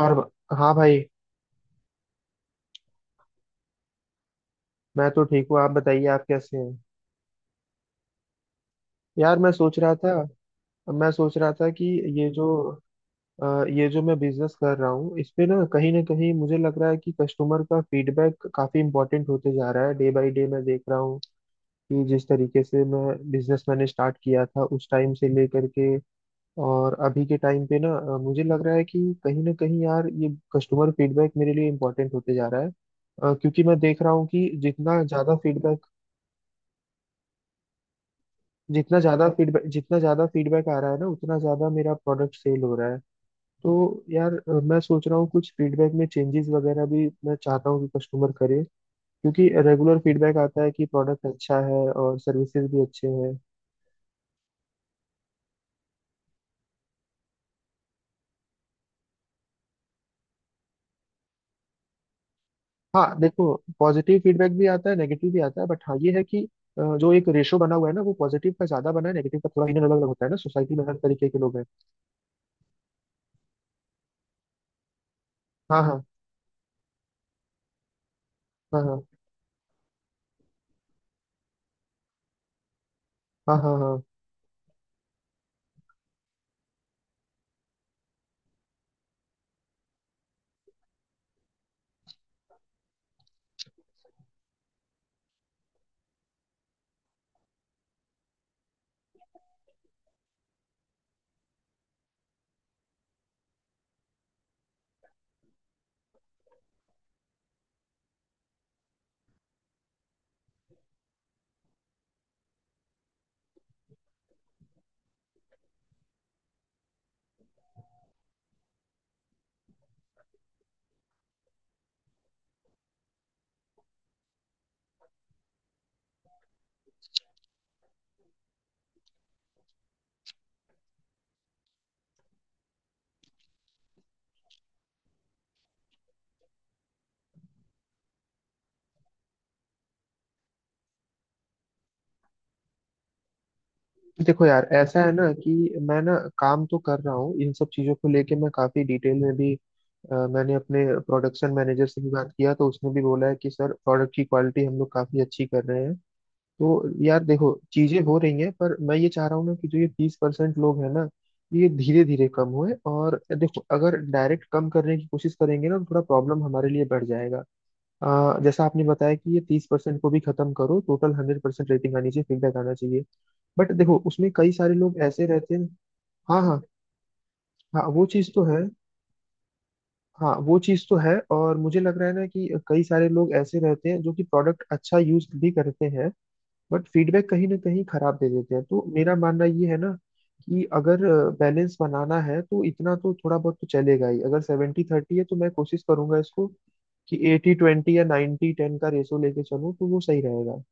और ब- हाँ भाई। मैं तो ठीक हूँ, आप बताइए आप कैसे हैं। यार मैं सोच रहा था, मैं सोच रहा था कि ये जो ये जो मैं बिजनेस कर रहा हूँ इस पे ना, कहीं ना कहीं मुझे लग रहा है कि कस्टमर का फीडबैक काफी इंपॉर्टेंट होते जा रहा है। डे बाय डे मैं देख रहा हूँ कि जिस तरीके से मैं बिजनेस मैंने स्टार्ट किया था उस टाइम से लेकर के और अभी के टाइम पे ना, मुझे लग रहा है कि कहीं ना कहीं यार ये कस्टमर फीडबैक मेरे लिए इंपॉर्टेंट होते जा रहा है। क्योंकि मैं देख रहा हूँ कि जितना ज्यादा फीडबैक जितना ज्यादा फीडबैक जितना ज्यादा फीडबैक आ रहा है ना उतना ज्यादा मेरा प्रोडक्ट सेल हो रहा है। तो यार मैं सोच रहा हूँ कुछ फीडबैक में चेंजेस वगैरह भी मैं चाहता हूँ कि कस्टमर करे, क्योंकि रेगुलर फीडबैक आता है कि प्रोडक्ट अच्छा है और सर्विसेज भी अच्छे हैं। हाँ देखो, पॉजिटिव फीडबैक भी आता है, नेगेटिव भी आता है, बट हाँ ये है कि जो एक रेशो बना हुआ है ना वो पॉजिटिव का ज्यादा बना है, नेगेटिव का थोड़ा इन अलग अलग होता है ना, सोसाइटी में हर तरीके के लोग हैं। हाँ हाँ हाँ हाँ। हाँ हाँ। हाँ देखो यार, ऐसा है ना कि मैं ना काम तो कर रहा हूँ इन सब चीज़ों को लेके, मैं काफ़ी डिटेल में भी। मैंने अपने प्रोडक्शन मैनेजर से भी बात किया तो उसने भी बोला है कि सर प्रोडक्ट की क्वालिटी हम लोग काफ़ी अच्छी कर रहे हैं। तो यार देखो चीज़ें हो रही हैं पर मैं ये चाह रहा हूँ ना कि जो ये 20% लोग हैं ना, ये धीरे धीरे कम होए। और देखो, अगर डायरेक्ट कम करने की कोशिश करेंगे ना तो थोड़ा प्रॉब्लम हमारे लिए बढ़ जाएगा। जैसा आपने बताया कि ये 30% को भी खत्म करो, टोटल 100% रेटिंग आनी चाहिए, फीडबैक आना चाहिए। बट देखो उसमें कई सारे लोग ऐसे रहते हैं। हाँ हाँ। हाँ वो चीज़ तो है। हाँ वो चीज़ तो है, और मुझे लग रहा है ना कि कई सारे लोग ऐसे रहते हैं जो कि प्रोडक्ट अच्छा यूज भी करते हैं बट फीडबैक कहीं ना कहीं खराब दे देते हैं। तो मेरा मानना ये है ना कि अगर बैलेंस बनाना है तो इतना तो थोड़ा बहुत तो चलेगा ही। अगर 70-30 है तो मैं कोशिश करूंगा इसको कि 80-20 या 90-10 का रेशो लेके चलूँ तो वो सही रहेगा।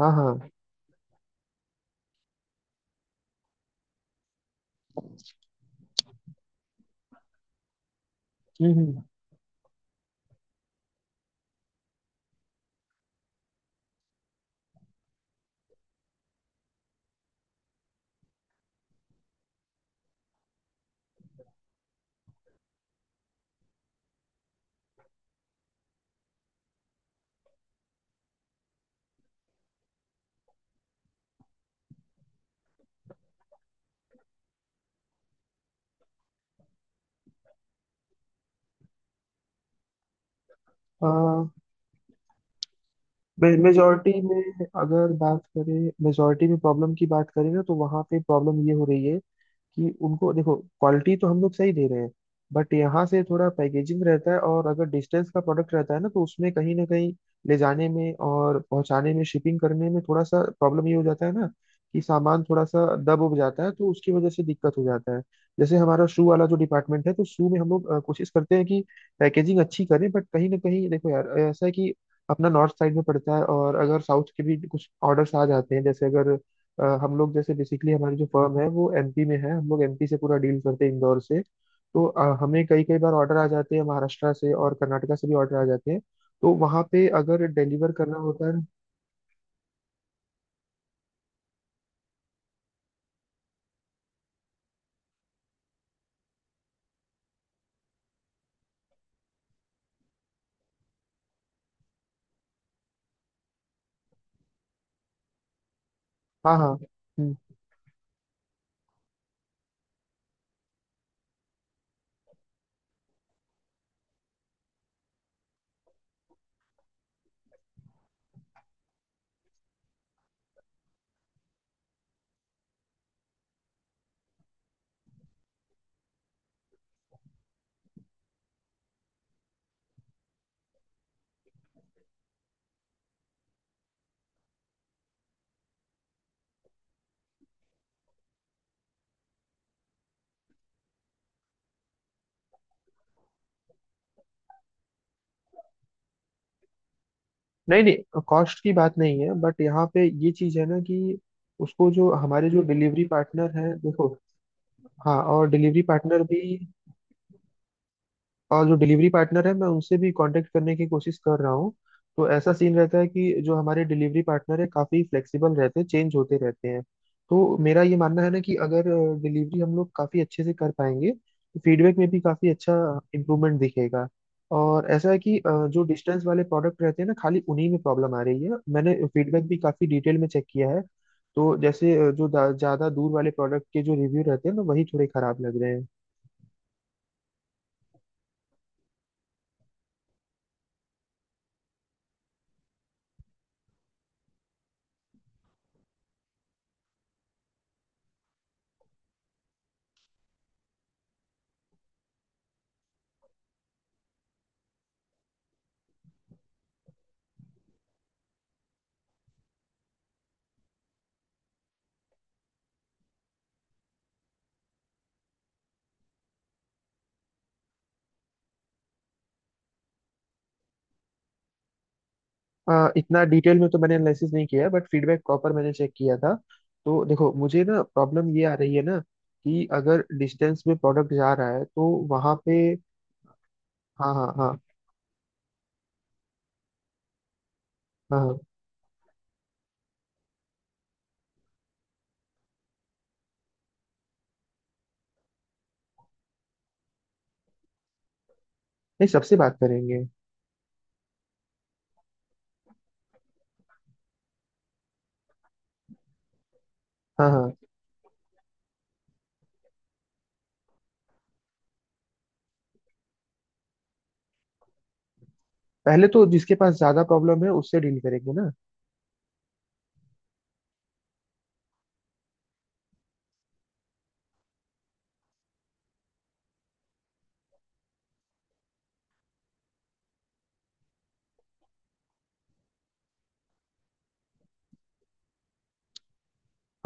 हाँ हाँ। हम्म हम्म। मेजोरिटी में अगर बात करें, मेजोरिटी में प्रॉब्लम की बात करें ना तो वहाँ पे प्रॉब्लम ये हो रही है कि उनको देखो क्वालिटी तो हम लोग सही दे रहे हैं बट यहाँ से थोड़ा पैकेजिंग रहता है, और अगर डिस्टेंस का प्रोडक्ट रहता है ना तो उसमें कहीं ना कहीं ले जाने में और पहुंचाने में, शिपिंग करने में थोड़ा सा प्रॉब्लम ये हो जाता है ना कि सामान थोड़ा सा दब उब जाता है तो उसकी वजह से दिक्कत हो जाता है। जैसे हमारा शू वाला जो डिपार्टमेंट है, तो शू में हम लोग कोशिश करते हैं कि पैकेजिंग अच्छी करें, बट कहीं ना कहीं देखो यार ऐसा है कि अपना नॉर्थ साइड में पड़ता है और अगर साउथ के भी कुछ ऑर्डर्स आ जाते हैं। जैसे अगर हम लोग जैसे बेसिकली हमारी जो फर्म है वो एमपी में है, हम लोग एमपी से पूरा डील करते हैं इंदौर से। तो हमें कई कई बार ऑर्डर आ जाते हैं महाराष्ट्र से, और कर्नाटका से भी ऑर्डर आ जाते हैं। तो वहाँ पे अगर डिलीवर करना होता है। हाँ हाँ। हम्म। नहीं नहीं, कॉस्ट की बात नहीं है, बट यहाँ पे ये चीज़ है ना कि उसको जो हमारे जो डिलीवरी पार्टनर है देखो। हाँ और डिलीवरी पार्टनर भी, और जो डिलीवरी पार्टनर है मैं उनसे भी कांटेक्ट करने की कोशिश कर रहा हूँ। तो ऐसा सीन रहता है कि जो हमारे डिलीवरी पार्टनर है काफ़ी फ्लेक्सिबल रहते हैं, चेंज होते रहते हैं। तो मेरा ये मानना है ना कि अगर डिलीवरी हम लोग काफ़ी अच्छे से कर पाएंगे तो फीडबैक में भी काफ़ी अच्छा इम्प्रूवमेंट दिखेगा। और ऐसा है कि जो डिस्टेंस वाले प्रोडक्ट रहते हैं ना, खाली उन्हीं में प्रॉब्लम आ रही है, मैंने फीडबैक भी काफ़ी डिटेल में चेक किया है। तो जैसे जो ज़्यादा दूर वाले प्रोडक्ट के जो रिव्यू रहते हैं ना वही थोड़े खराब लग रहे हैं। इतना डिटेल में तो मैंने एनालिसिस नहीं किया है, बट फीडबैक प्रॉपर मैंने चेक किया था। तो देखो मुझे ना प्रॉब्लम ये आ रही है ना कि अगर डिस्टेंस में प्रोडक्ट जा रहा है तो वहां पे। हाँ हाँ हाँ। हाँ हाँ नहीं, सबसे बात करेंगे। हाँ हाँ, पहले तो जिसके पास ज्यादा प्रॉब्लम है उससे डील करेंगे ना।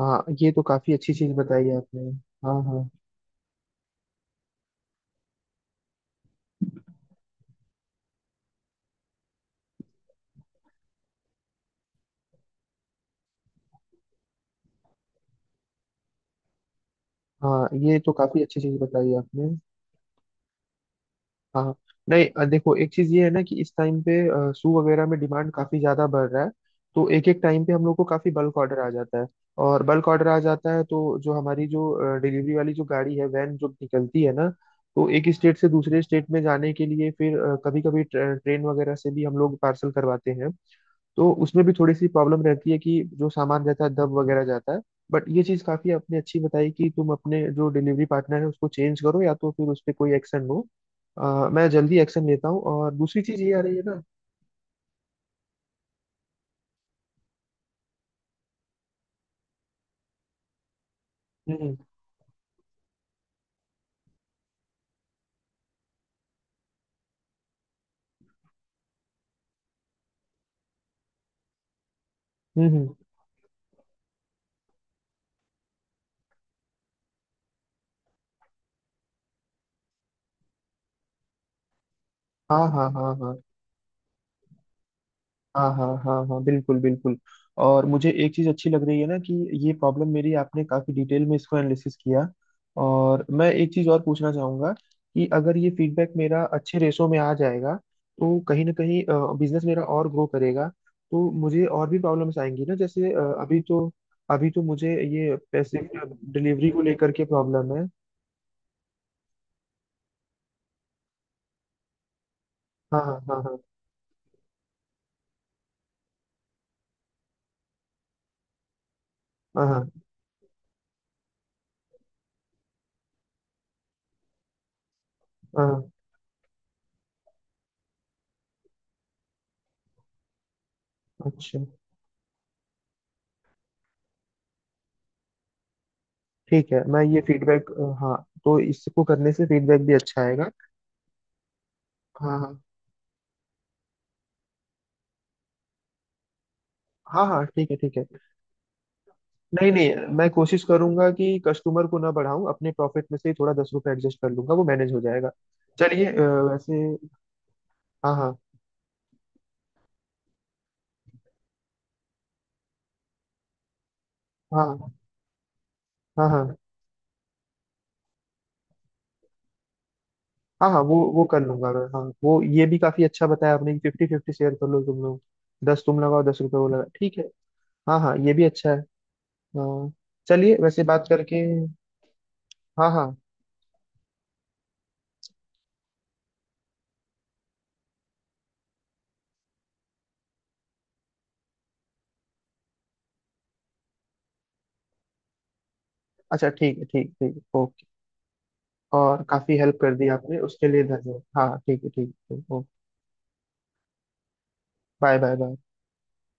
हाँ, ये तो काफी अच्छी चीज बताई है आपने। हाँ हाँ। हाँ, ये तो काफी अच्छी चीज बताई है आपने। हाँ। नहीं देखो एक चीज ये है ना कि इस टाइम पे शू वगैरह में डिमांड काफी ज्यादा बढ़ रहा है। तो एक एक टाइम पे हम लोग को काफी बल्क ऑर्डर आ जाता है। और बल्क ऑर्डर आ जाता है तो जो हमारी जो डिलीवरी वाली जो गाड़ी है, वैन जो निकलती है ना, तो एक स्टेट से दूसरे स्टेट में जाने के लिए फिर कभी कभी ट्रेन वगैरह से भी हम लोग पार्सल करवाते हैं। तो उसमें भी थोड़ी सी प्रॉब्लम रहती है कि जो सामान रहता है दब वगैरह जाता है। बट ये चीज़ काफ़ी आपने अच्छी बताई कि तुम अपने जो डिलीवरी पार्टनर है उसको चेंज करो या तो फिर उस पर कोई एक्शन लो। मैं जल्दी एक्शन लेता हूँ, और दूसरी चीज़ ये आ रही है ना। हम्म हम्म। हाँ हाँ हाँ। हाँ हाँ हाँ हाँ हाँ बिल्कुल बिल्कुल। और मुझे एक चीज़ अच्छी लग रही है ना कि ये प्रॉब्लम मेरी आपने काफ़ी डिटेल में इसको एनालिसिस किया। और मैं एक चीज़ और पूछना चाहूँगा कि अगर ये फीडबैक मेरा अच्छे रेशो में आ जाएगा तो कहीं ना कहीं बिजनेस मेरा और ग्रो करेगा। तो मुझे और भी प्रॉब्लम्स आएंगी ना। जैसे अभी तो, अभी तो मुझे ये पैसे डिलीवरी को लेकर के प्रॉब्लम है। हाँ हाँ हाँ हाँ हाँ हाँ हाँ। अच्छा ठीक है, मैं ये फीडबैक। हाँ तो इसको करने से फीडबैक भी अच्छा आएगा। हाँ हाँ। हाँ हाँ ठीक है ठीक है। नहीं नहीं, मैं कोशिश करूंगा कि कस्टमर को ना बढ़ाऊं, अपने प्रॉफिट में से ही थोड़ा 10 रुपये एडजस्ट कर लूंगा, वो मैनेज हो जाएगा। चलिए वैसे। हाँ हाँ हाँ हाँ। हाँ हाँ हाँ, वो कर लूंगा मैं। हाँ वो, ये भी काफी अच्छा बताया आपने कि 50-50 शेयर कर लो तुम लोग, 10 तुम लगाओ 10 रुपये वो लगा, ठीक है। हाँ हाँ, ये भी अच्छा है। हाँ, चलिए वैसे बात करके। हाँ हाँ, अच्छा ठीक है, ठीक ठीक, ओके। और काफी हेल्प कर दी आपने, उसके लिए धन्यवाद। हाँ ठीक है ठीक है, ओके। Bye bye bye.